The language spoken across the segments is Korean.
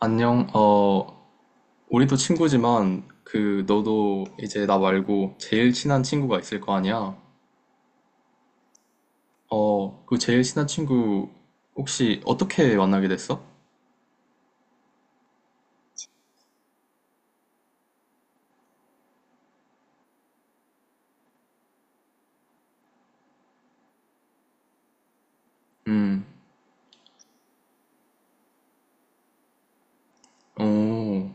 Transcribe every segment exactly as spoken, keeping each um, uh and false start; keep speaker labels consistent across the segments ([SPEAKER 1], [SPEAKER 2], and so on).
[SPEAKER 1] 안녕. 어, 우리도 친구지만, 그, 너도 이제 나 말고 제일 친한 친구가 있을 거 아니야? 어, 그 제일 친한 친구, 혹시 어떻게 만나게 됐어? 음. 오.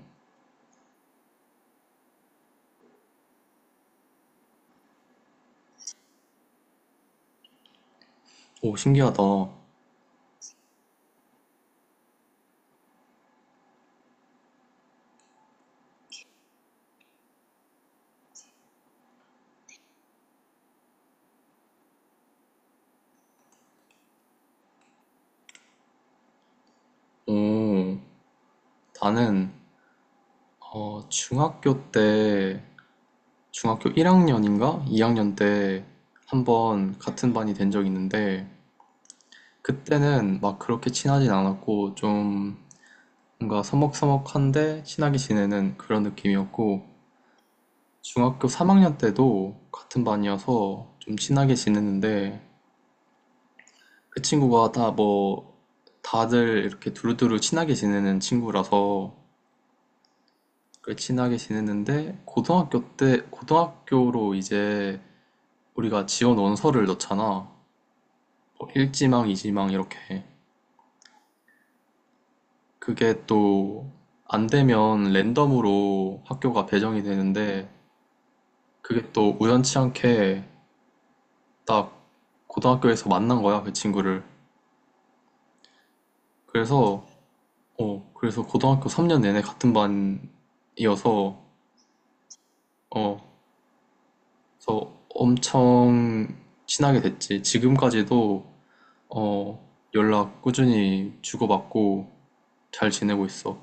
[SPEAKER 1] 오, 신기하다. 오. 나는, 어, 중학교 때, 중학교 일 학년인가? 이 학년 때, 한번 같은 반이 된 적이 있는데, 그때는 막 그렇게 친하진 않았고, 좀, 뭔가 서먹서먹한데 친하게 지내는 그런 느낌이었고, 중학교 삼 학년 때도 같은 반이어서 좀 친하게 지냈는데, 그 친구가 다 뭐 다들 이렇게 두루두루 친하게 지내는 친구라서 그 친하게 지냈는데, 고등학교 때 고등학교로 이제 우리가 지원 원서를 넣잖아. 뭐 일 지망, 이 지망 이렇게. 그게 또 안 되면 랜덤으로 학교가 배정이 되는데, 그게 또 우연치 않게 나 고등학교에서 만난 거야, 그 친구를. 그래서, 어, 그래서 고등학교 삼 년 내내 같은 반이어서, 어, 그래서 엄청 친하게 됐지. 지금까지도, 어, 연락 꾸준히 주고받고 잘 지내고 있어.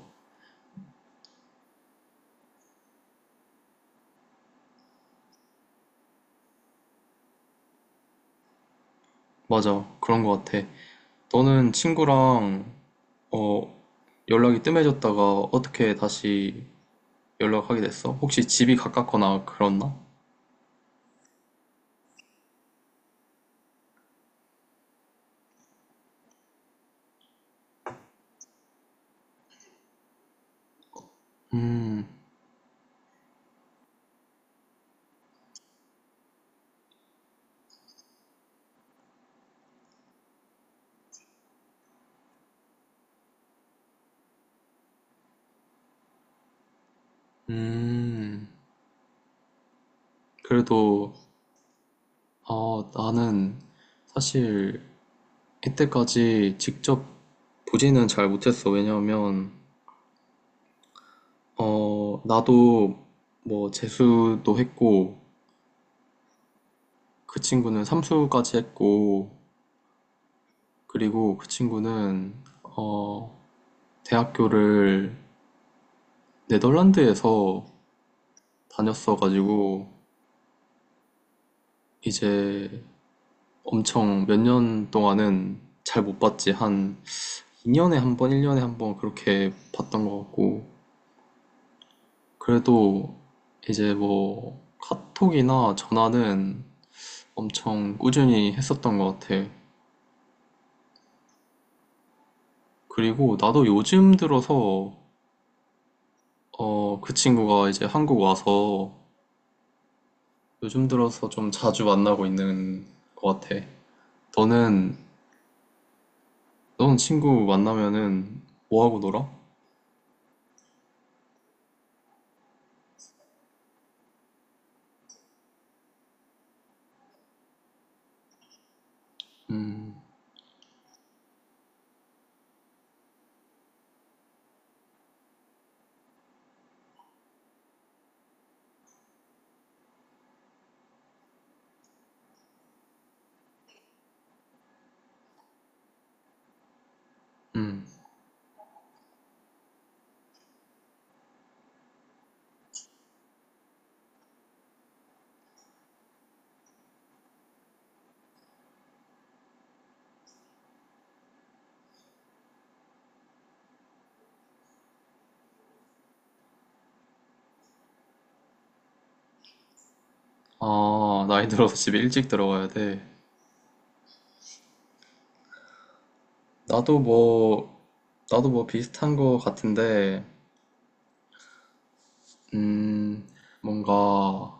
[SPEAKER 1] 맞아, 그런 거 같아. 너는 친구랑, 어, 연락이 뜸해졌다가 어떻게 다시 연락하게 됐어? 혹시 집이 가깝거나 그렇나? 음. 음. 그래도, 아, 나는 사실 이때까지 직접 보지는 잘 못했어. 왜냐하면, 어, 나도 뭐 재수도 했고, 그 친구는 삼수까지 했고, 그리고 그 친구는, 어, 대학교를 네덜란드에서 다녔어가지고, 이제 엄청 몇 년 동안은 잘 못 봤지. 한 이 년에 한 번, 일 년에 한 번 그렇게 봤던 것 같고, 그래도 이제 뭐 카톡이나 전화는 엄청 꾸준히 했었던 것 같아. 그리고 나도 요즘 들어서 어, 그 친구가 이제 한국 와서 요즘 들어서 좀 자주 만나고 있는 것 같아. 너는 너는 친구 만나면은 뭐 하고 놀아? 음. 음. 아, 나이 들어서 집에 일찍 들어가야 돼. 나도 뭐 나도 뭐 비슷한 것 같은데, 음, 뭔가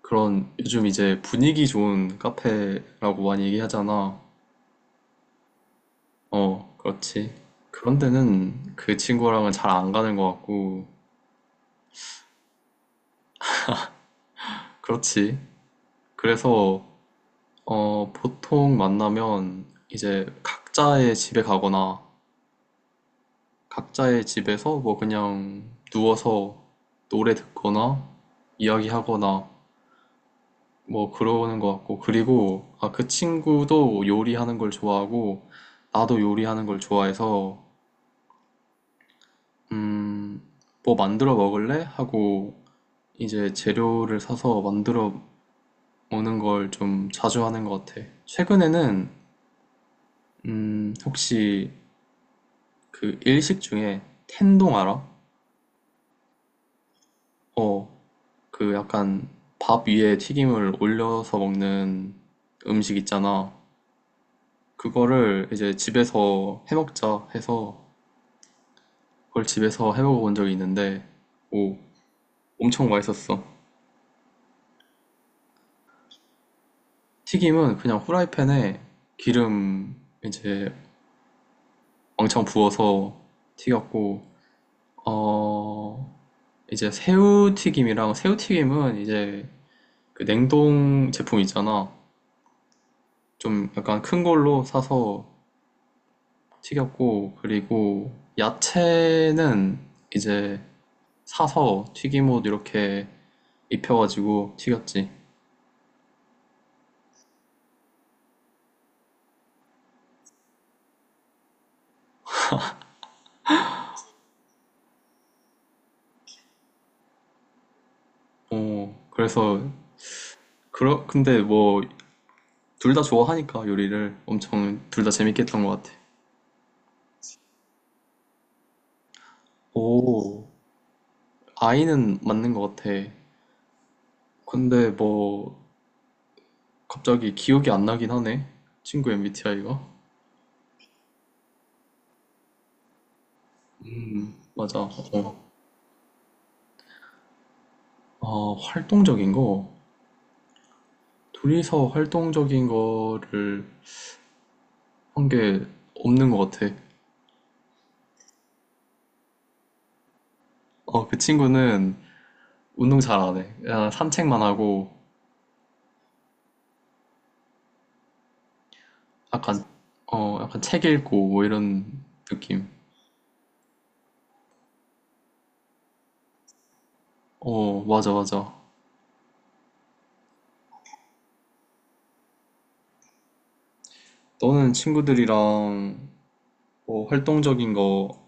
[SPEAKER 1] 그런 요즘 이제 분위기 좋은 카페라고 많이 얘기하잖아. 어, 그렇지. 그런 데는 그 친구랑은 잘 안 가는 것 같고, 그렇지. 그래서, 어, 보통 만나면 이제 각자의 집에 가거나, 각자의 집에서 뭐 그냥 누워서 노래 듣거나, 이야기하거나, 뭐 그러는 것 같고, 그리고, 아, 그 친구도 요리하는 걸 좋아하고, 나도 요리하는 걸 좋아해서, 음, 뭐 만들어 먹을래? 하고 이제 재료를 사서 만들어 오는 걸 좀 자주 하는 것 같아. 최근에는 음, 혹시 그 일식 중에 텐동 알아? 어, 그 약간 밥 위에 튀김을 올려서 먹는 음식 있잖아. 그거를 이제 집에서 해 먹자 해서 그걸 집에서 해 먹어 본 적이 있는데, 오, 엄청 맛있었어. 튀김은 그냥 후라이팬에 기름 이제 왕창 부어서 튀겼고, 어, 이제 새우튀김이랑 새우튀김은 이제 그 냉동 제품 있잖아. 좀 약간 큰 걸로 사서 튀겼고, 그리고 야채는 이제 사서 튀김옷 이렇게 입혀가지고 튀겼지. 어, 그래서, 그러, 근데 뭐, 둘 다 좋아하니까 요리를 엄청 둘 다 재밌게 했던 것 같아. 오, 아이는 맞는 것 같아. 근데 뭐 갑자기 기억이 안 나긴 하네, 친구 엠비티아이가. 음, 맞아. 어. 아, 활동적인 거. 둘이서 활동적인 거를 한 게 없는 것 같아. 어, 그 친구는 운동 잘 안 해. 그냥 산책만 하고, 약간 어, 약간 책 읽고 뭐 이런 느낌. 어, 맞아, 맞아. 너는 친구들이랑 뭐 활동적인 거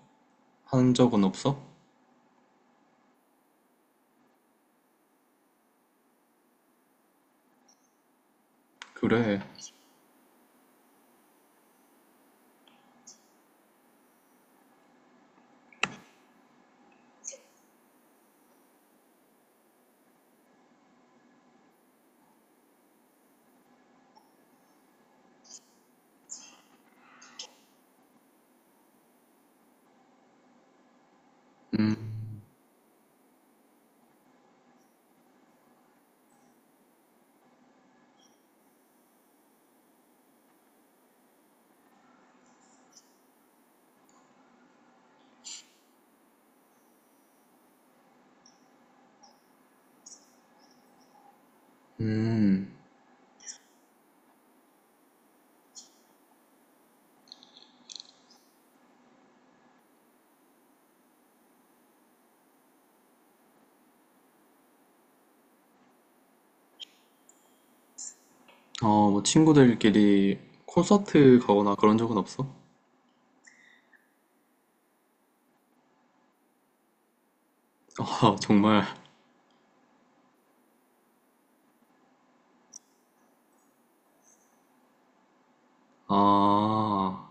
[SPEAKER 1] 한 적은 없어? 그래. 음. 음. 어, 뭐 친구들끼리 콘서트 가거나 그런 적은 없어? 아, 정말. 아,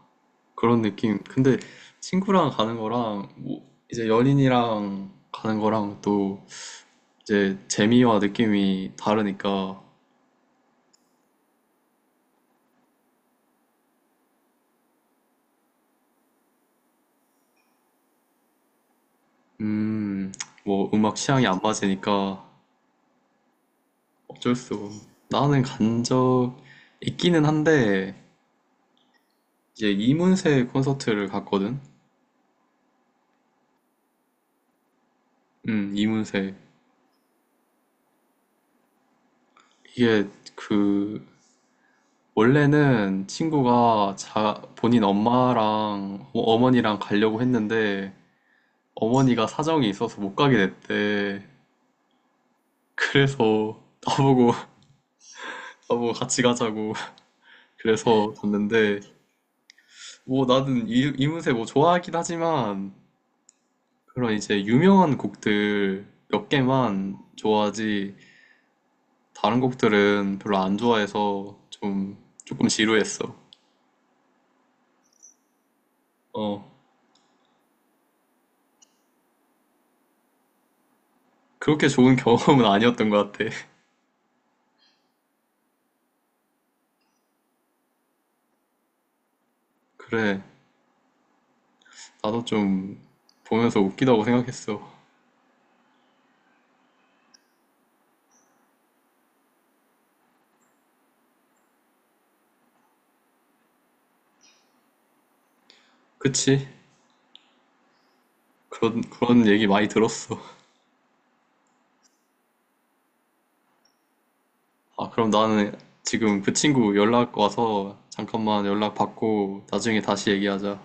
[SPEAKER 1] 그런 느낌. 근데 친구랑 가는 거랑 뭐 이제 연인이랑 가는 거랑 또 이제 재미와 느낌이 다르니까, 음, 뭐 음악 취향이 안 맞으니까. 어쩔 수. 없- 나는 간 적 있기는 한데 이제 이문세 콘서트를 갔거든. 음, 이문세. 이게 그 원래는 친구가 자, 본인 엄마랑 어- 어머니랑 가려고 했는데 어머니가 사정이 있어서 못 가게 됐대. 그래서 나보고 나보고 같이 가자고 그래서 갔는데, 뭐 나는 이, 이문세 뭐 좋아하긴 하지만 그런 이제 유명한 곡들 몇 개만 좋아하지 다른 곡들은 별로 안 좋아해서 좀 조금 지루했어. 어 그렇게 좋은 경험은 아니었던 것 같아. 그래. 나도 좀 보면서 웃기다고 생각했어. 그치? 그런, 그런 얘기 많이 들었어. 아, 그럼 나는 지금 그 친구 연락 와서 잠깐만 연락 받고 나중에 다시 얘기하자.